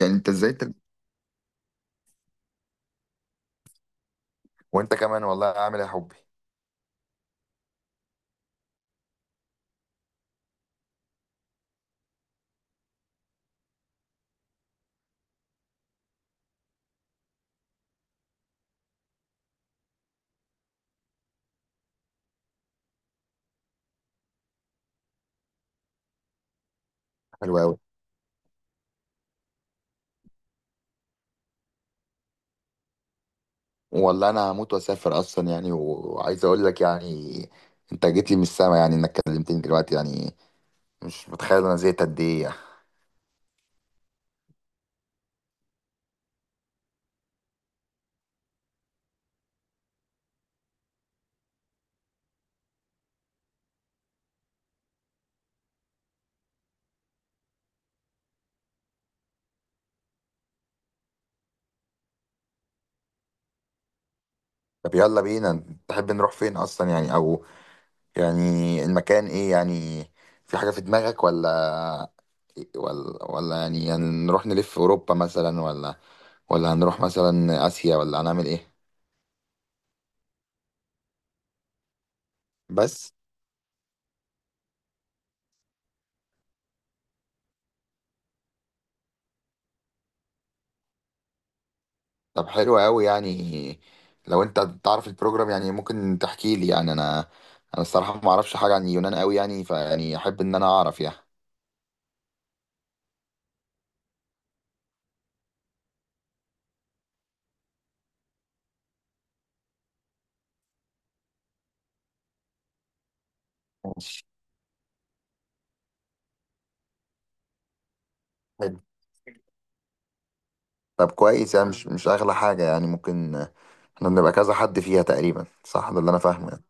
يعني انت ازاي تب... وانت كمان والله عامل إيه يا حبي؟ حلو قوي. والله انا هموت واسافر اصلا يعني وعايز اقول لك يعني انت جيت لي من السما يعني انك كلمتني دلوقتي يعني. مش متخيل انا زهقت قد ايه يعني. طب يلا بينا تحب نروح فين اصلا يعني او يعني؟ المكان ايه يعني؟ في حاجة في دماغك، ولا ولا يعني هنروح نلف اوروبا مثلا، ولا هنروح مثلا اسيا، ولا هنعمل ايه؟ بس. طب حلو قوي يعني، لو انت تعرف البروجرام يعني ممكن تحكي لي يعني انا الصراحه ما اعرفش حاجه عن اليونان قوي يعني، فيعني احب ان انا اعرف يعني. ماشي. حلو. طب كويس يعني، مش اغلى حاجه يعني ممكن. احنا بنبقى كذا حد فيها تقريبا صح؟ ده اللي انا فاهمه يعني.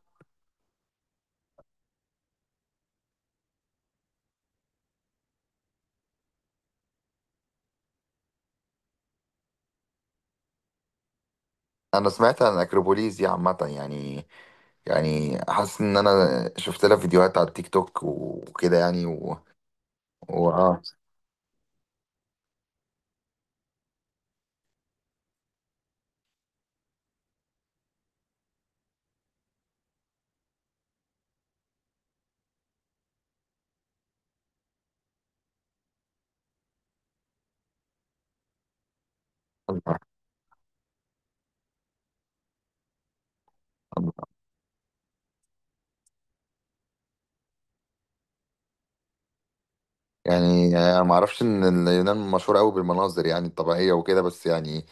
انا سمعت عن الاكروبوليس دي عامه يعني، يعني حاسس ان انا شفت لها فيديوهات على التيك توك وكده يعني و... و... آه. يعني انا ما اعرفش ان اليونان مشهوره قوي بالمناظر يعني الطبيعيه وكده بس يعني،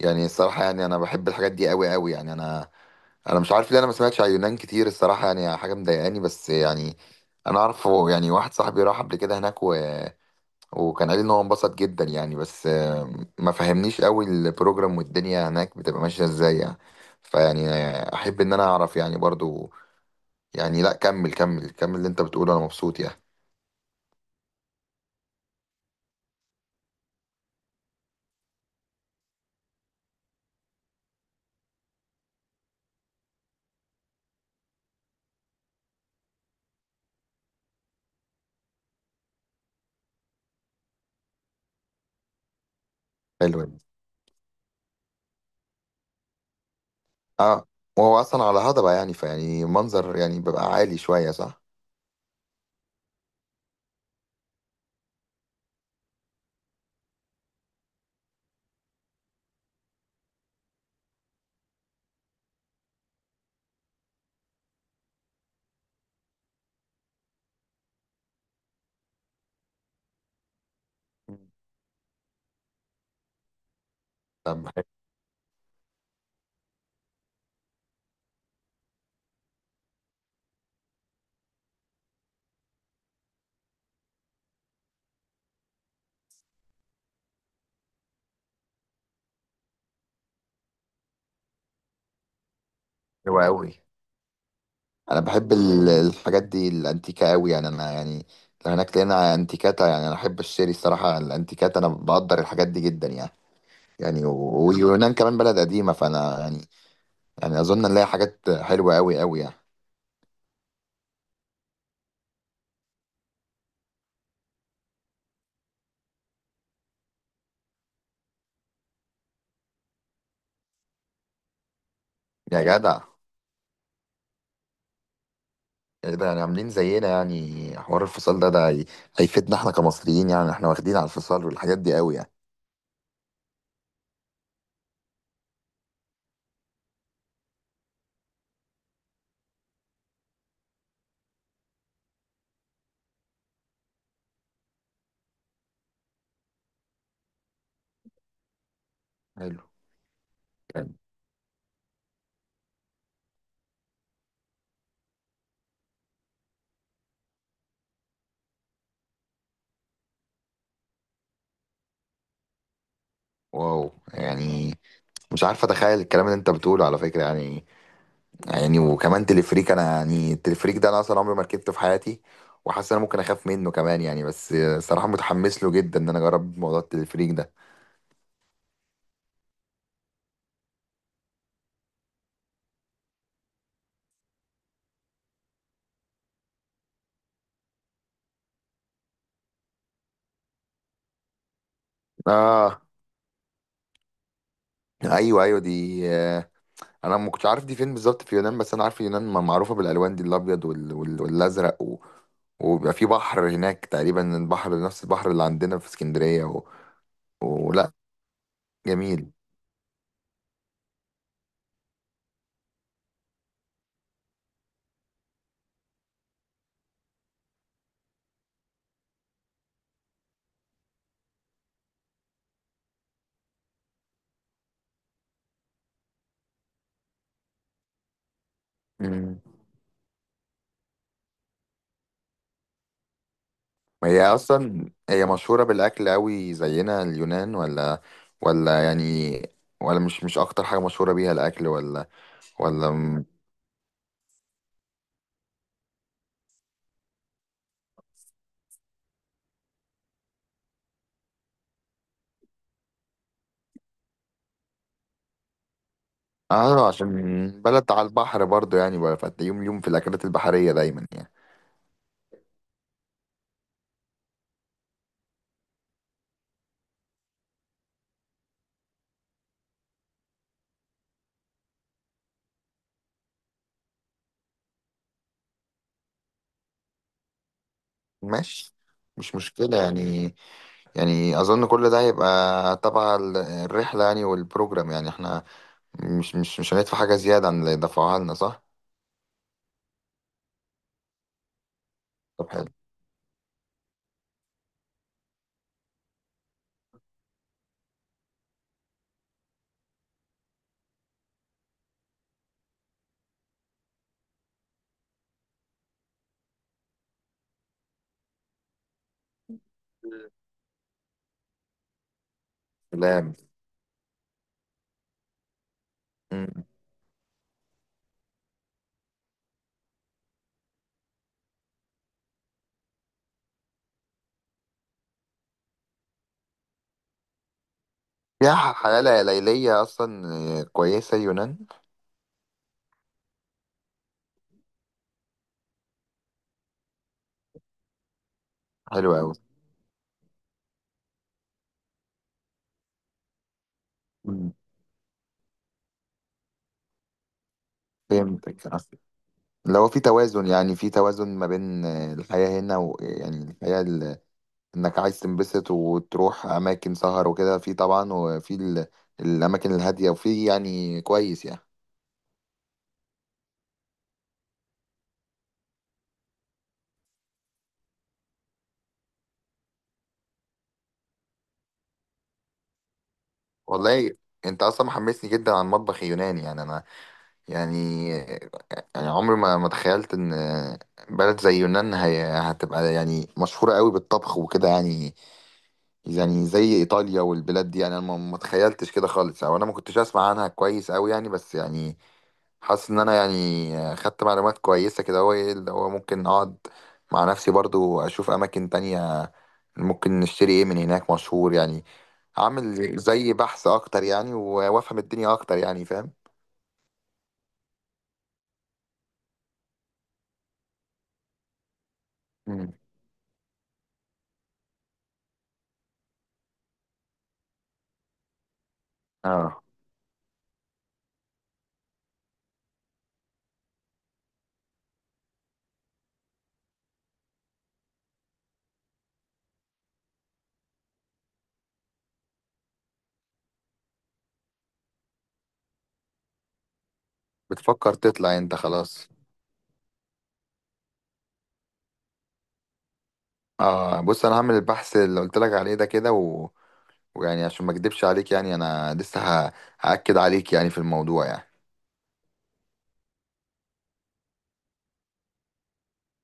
يعني الصراحه يعني انا بحب الحاجات دي قوي قوي يعني، انا مش عارف ليه انا ما سمعتش عن اليونان كتير الصراحه يعني، حاجه مضايقاني بس يعني. انا اعرف يعني واحد صاحبي راح قبل كده هناك وكان قال لي ان هو انبسط جدا يعني، بس ما فهمنيش قوي البروجرام والدنيا هناك بتبقى ماشيه ازاي يعني، فيعني احب ان انا اعرف يعني برضو يعني. لا، كمل كمل كمل اللي انت بتقوله، انا مبسوط يعني. حلو. اه، وهو اصلا على هضبة يعني فيعني منظر يعني بيبقى عالي شوية صح؟ طب بحب. حلو قوي. انا بحب الحاجات دي الانتيكة قوي يعني انا يعني، لو هناك لقينا انتيكاتا يعني انا احب اشتري الصراحة الانتيكاتا، انا بقدر الحاجات دي جدا يعني، يعني ويونان كمان بلد قديمة فانا يعني، يعني اظن نلاقي حاجات حلوة قوي قوي يعني. يا جدع، يعني ده يعني عاملين زينا يعني حوار الفصال ده ده هيفيدنا احنا كمصريين يعني، احنا واخدين على الفصال والحاجات دي قوي يعني. حلو يعني. واو يعني، مش عارف اتخيل الكلام اللي انت بتقوله على فكره يعني، يعني وكمان تلفريك انا يعني التلفريك ده انا اصلا عمري ما ركبته في حياتي، وحاسس ان انا ممكن اخاف منه كمان يعني، بس صراحه متحمس له جدا ان انا اجرب موضوع التلفريك ده. اه. ايوه ايوه دي انا ما كنتش عارف دي فين بالظبط في اليونان، بس انا عارف اليونان معروفه بالالوان دي الابيض والازرق وبيبقى في بحر هناك تقريبا، البحر نفس البحر اللي عندنا في اسكندريه ولا؟ جميل. هي اصلا هي مشهوره بالاكل قوي زينا اليونان، ولا يعني، ولا مش اكتر حاجه مشهوره بيها الاكل ولا؟ ولا م- اه، عشان بلد على البحر برضو يعني بقى، فتلاقيهم اليوم في الاكلات البحريه دايما يعني. ماشي. مش مشكله يعني، يعني اظن كل ده هيبقى تبع الرحله يعني والبروجرام يعني، احنا مش هندفع حاجه زياده عن اللي دفعوها لنا صح؟ طب حلو. سلام. فيها حياة ليلية أصلا، كويسة يونان. حلوة أوي. مم. فهمتك آه. اللي هو في توازن، يعني في توازن ما بين الحياة هنا، ويعني الحياة إنك عايز تنبسط وتروح أماكن سهر وكده، في طبعا وفي الأماكن الهادية، وفي يعني كويس يعني. والله أنت أصلا محمسني جدا عن المطبخ اليوناني يعني أنا يعني، يعني عمري ما تخيلت إن بلد زي يونان هي هتبقى يعني مشهورة قوي بالطبخ وكده يعني، يعني زي ايطاليا والبلاد دي يعني، انا ما تخيلتش كده خالص، او انا ما كنتش اسمع عنها كويس قوي يعني بس يعني. حاسس ان انا يعني خدت معلومات كويسه كده، هو ايه اللي هو ممكن اقعد مع نفسي برضو اشوف اماكن تانية، ممكن نشتري ايه من هناك مشهور يعني، اعمل زي بحث اكتر يعني وافهم الدنيا اكتر يعني، فاهم؟ مم. اه، بتفكر تطلع انت خلاص؟ اه بص، انا هعمل البحث اللي قلت لك عليه ده كده، ويعني عشان ما اكدبش عليك يعني انا لسه ه- هاكد عليك يعني في الموضوع يعني.